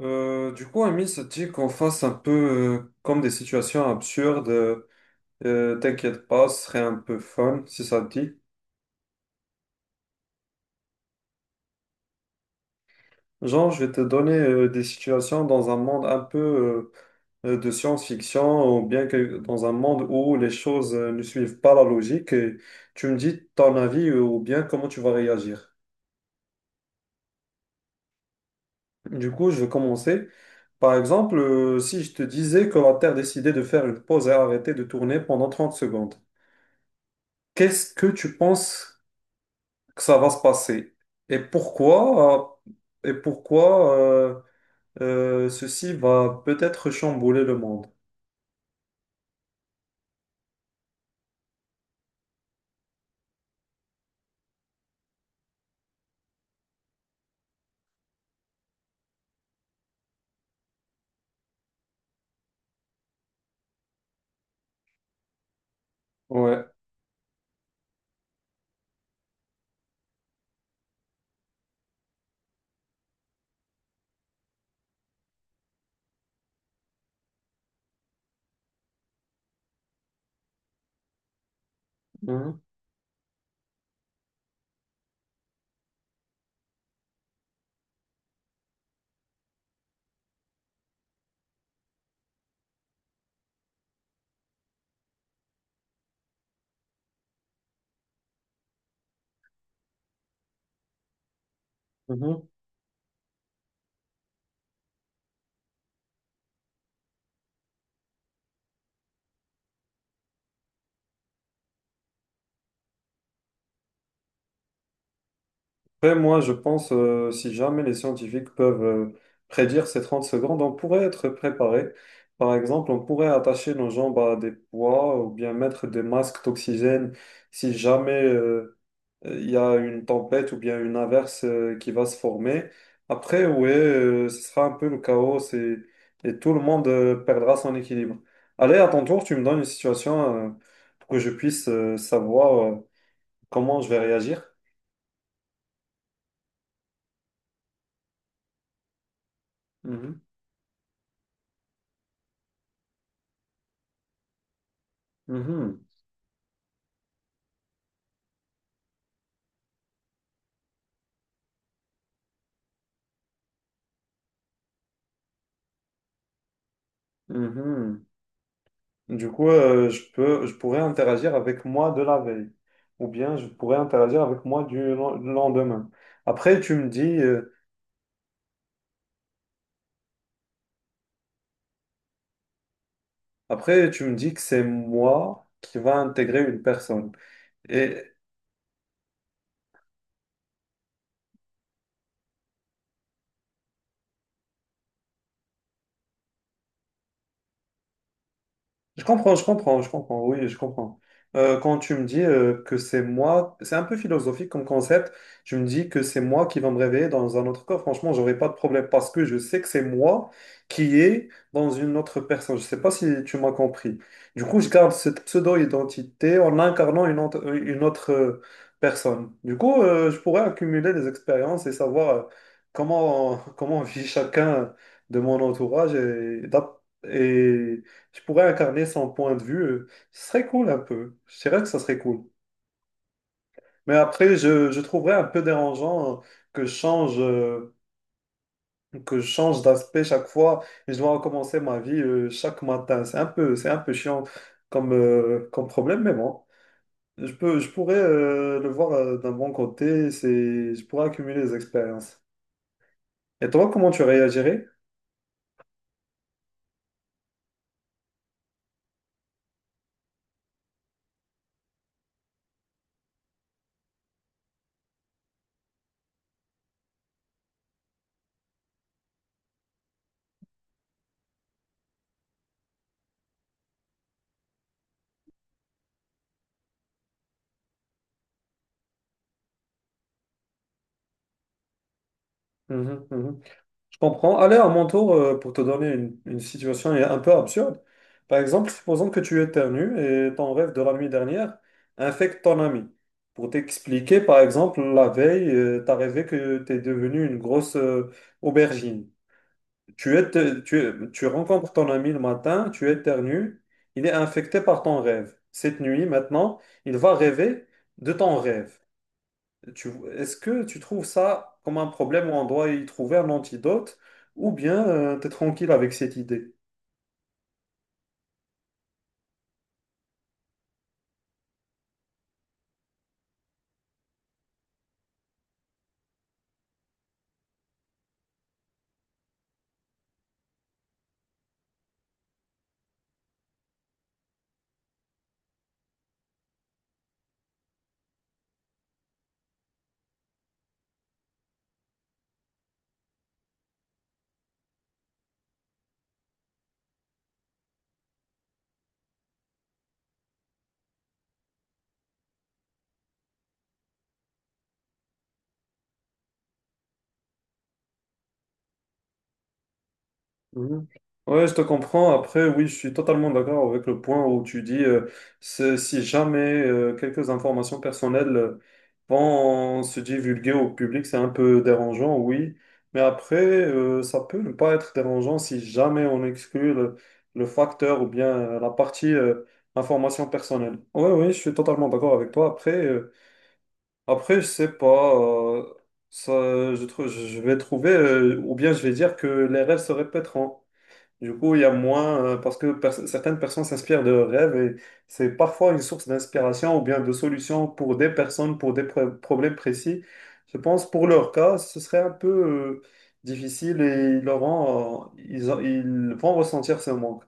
Du coup, Amine se dit qu'on fasse un peu comme des situations absurdes. T'inquiète pas, ce serait un peu fun si ça te dit. Genre, je vais te donner des situations dans un monde un peu de science-fiction ou bien que dans un monde où les choses ne suivent pas la logique. Et tu me dis ton avis ou bien comment tu vas réagir. Du coup, je vais commencer. Par exemple, si je te disais que la Terre décidait de faire une pause et arrêter de tourner pendant 30 secondes, qu'est-ce que tu penses que ça va se passer. Et pourquoi, euh, et pourquoi euh, ceci va peut-être chambouler le monde. Ouais. Mhm. Mhm. Après, moi, je pense, si jamais les scientifiques peuvent prédire ces 30 secondes, on pourrait être préparé. Par exemple, on pourrait attacher nos jambes à des poids ou bien mettre des masques d'oxygène si jamais il y a une tempête ou bien une inverse qui va se former. Après, ouais, ce sera un peu le chaos et tout le monde perdra son équilibre. Allez, à ton tour, tu me donnes une situation pour que je puisse savoir comment je vais réagir. Mhm, mhm, mhm. Du coup, je pourrais interagir avec moi de la veille ou bien je pourrais interagir avec moi du lendemain. Après, tu me dis que c'est moi qui va intégrer une personne. Et je comprends, oui, je comprends. Quand tu me dis que c'est moi, c'est un peu philosophique comme concept, tu me dis que c'est moi qui va me réveiller dans un autre corps, franchement, j'aurais pas de problème parce que je sais que c'est moi qui est dans une autre personne. Je sais pas si tu m'as compris. Du coup, je garde cette pseudo-identité en incarnant une autre personne. Du coup, je pourrais accumuler des expériences et savoir comment vit chacun de mon entourage et je pourrais incarner son point de vue. Ce serait cool un peu. Je dirais que ça serait cool. Mais après, je trouverais un peu dérangeant que je change, euh, que je change d'aspect chaque fois et je dois recommencer ma vie chaque matin. C'est un peu chiant comme, comme problème, mais bon. Je pourrais le voir d'un bon côté. C'est, je pourrais accumuler des expériences. Et toi, comment tu réagirais? Mhm, mhm. Je comprends. Allez, à mon tour, pour te donner une situation un peu absurde. Par exemple, supposons que tu éternues et ton rêve de la nuit dernière infecte ton ami. Pour t'expliquer, par exemple, la veille, tu as rêvé que tu es devenu une grosse aubergine. Tu rencontres ton ami le matin, tu éternues, il est infecté par ton rêve. Cette nuit, maintenant, il va rêver de ton rêve. Tu, est-ce que tu trouves ça comme un problème où on doit y trouver un antidote ou bien tu es tranquille avec cette idée? Mhm. Ouais, je te comprends. Après, oui, je suis totalement d'accord avec le point où tu dis si jamais quelques informations personnelles vont se divulguer au public, c'est un peu dérangeant, oui. Mais après, ça peut ne pas être dérangeant si jamais on exclut le facteur ou bien la partie information personnelle. Oui, oui, je suis totalement d'accord avec toi. Après, je sais pas. Ça, je vais trouver, ou bien je vais dire que les rêves se répéteront. Du coup, il y a moins, certaines personnes s'inspirent de leurs rêves et c'est parfois une source d'inspiration ou bien de solution pour des personnes, pour des problèmes précis. Je pense pour leur cas, ce serait un peu difficile et ils, auront, ils, ont- ils vont ressentir ce manque.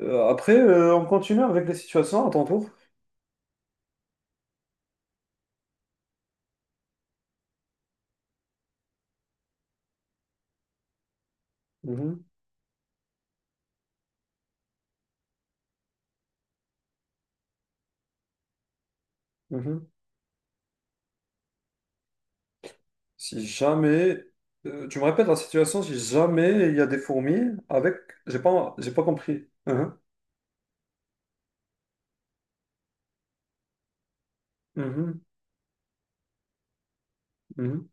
On continue avec les situations à ton tour. Mhm, mhm. Si jamais, tu me répètes la situation, si jamais il y a des fourmis avec, j'ai pas compris. Mhm, mhm, mhm.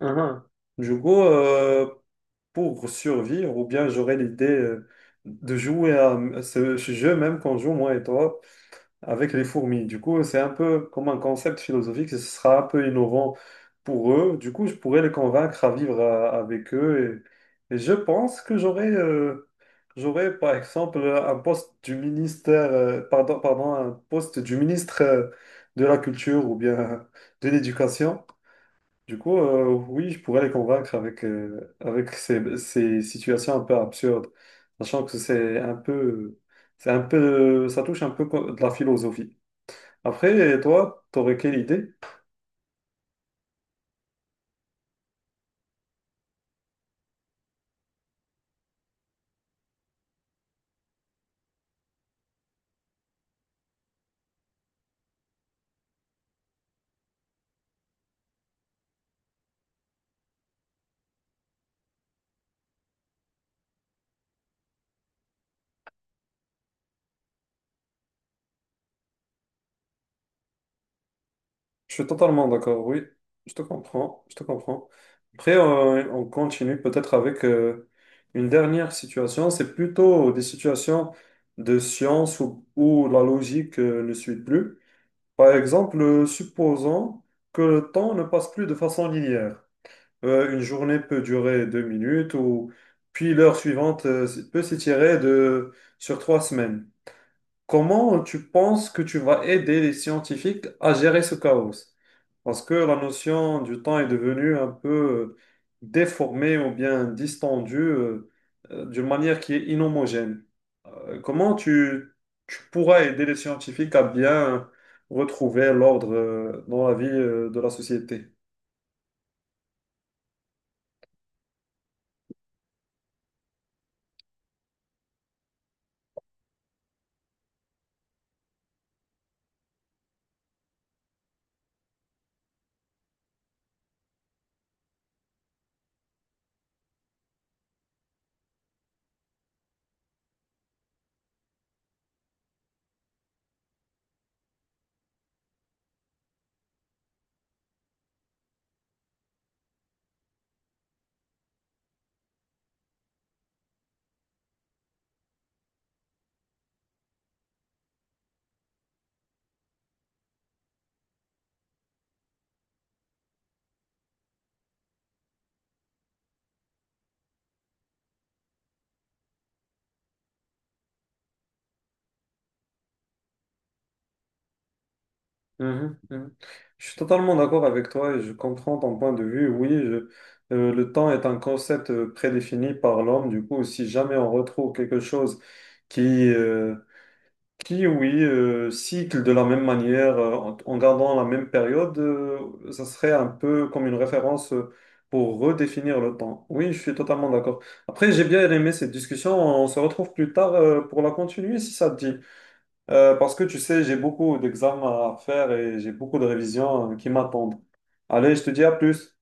Uhum. Du coup, pour survivre, ou bien j'aurais l'idée de jouer à ce jeu même qu'on joue, moi et toi, avec les fourmis. Du coup, c'est un peu comme un concept philosophique, ce sera un peu innovant pour eux. Du coup, je pourrais les convaincre à vivre avec eux. Et je pense que j'aurais, par exemple, un poste du ministère, pardon, pardon, un poste du ministre de la Culture ou bien de l'Éducation. Du coup, oui, je pourrais les convaincre avec, avec ces, ces situations un peu absurdes, sachant que c'est un peu, ça touche un peu de la philosophie. Après, toi, t'aurais quelle idée? Je suis totalement d'accord, oui, je te comprends, je te comprends. Après, on continue peut-être avec une dernière situation, c'est plutôt des situations de science où, où la logique ne suit plus. Par exemple, supposons que le temps ne passe plus de façon linéaire. Une journée peut durer 2 minutes, ou puis l'heure suivante peut s'étirer sur 3 semaines. Comment tu penses que tu vas aider les scientifiques à gérer ce chaos? Parce que la notion du temps est devenue un peu euh, déformée ou bien distendue d'une manière qui est inhomogène. Euh, comment tu, Tu pourras aider les scientifiques à bien retrouver l'ordre dans la vie de la société? Mhm, mhm. Je suis totalement d'accord avec toi et je comprends ton point de vue. Le temps est un concept prédéfini par l'homme. Du coup, si jamais on retrouve quelque chose qui, euh, qui oui, cycle de la même manière, en gardant la même période, ça serait un peu comme une référence pour redéfinir le temps. Oui, je suis totalement d'accord. Après, j'ai bien aimé cette discussion. On se retrouve plus tard, pour la continuer si ça te dit. Parce que tu sais, j'ai beaucoup d'examens à faire et j'ai beaucoup de révisions qui m'attendent. Allez, je te dis à plus.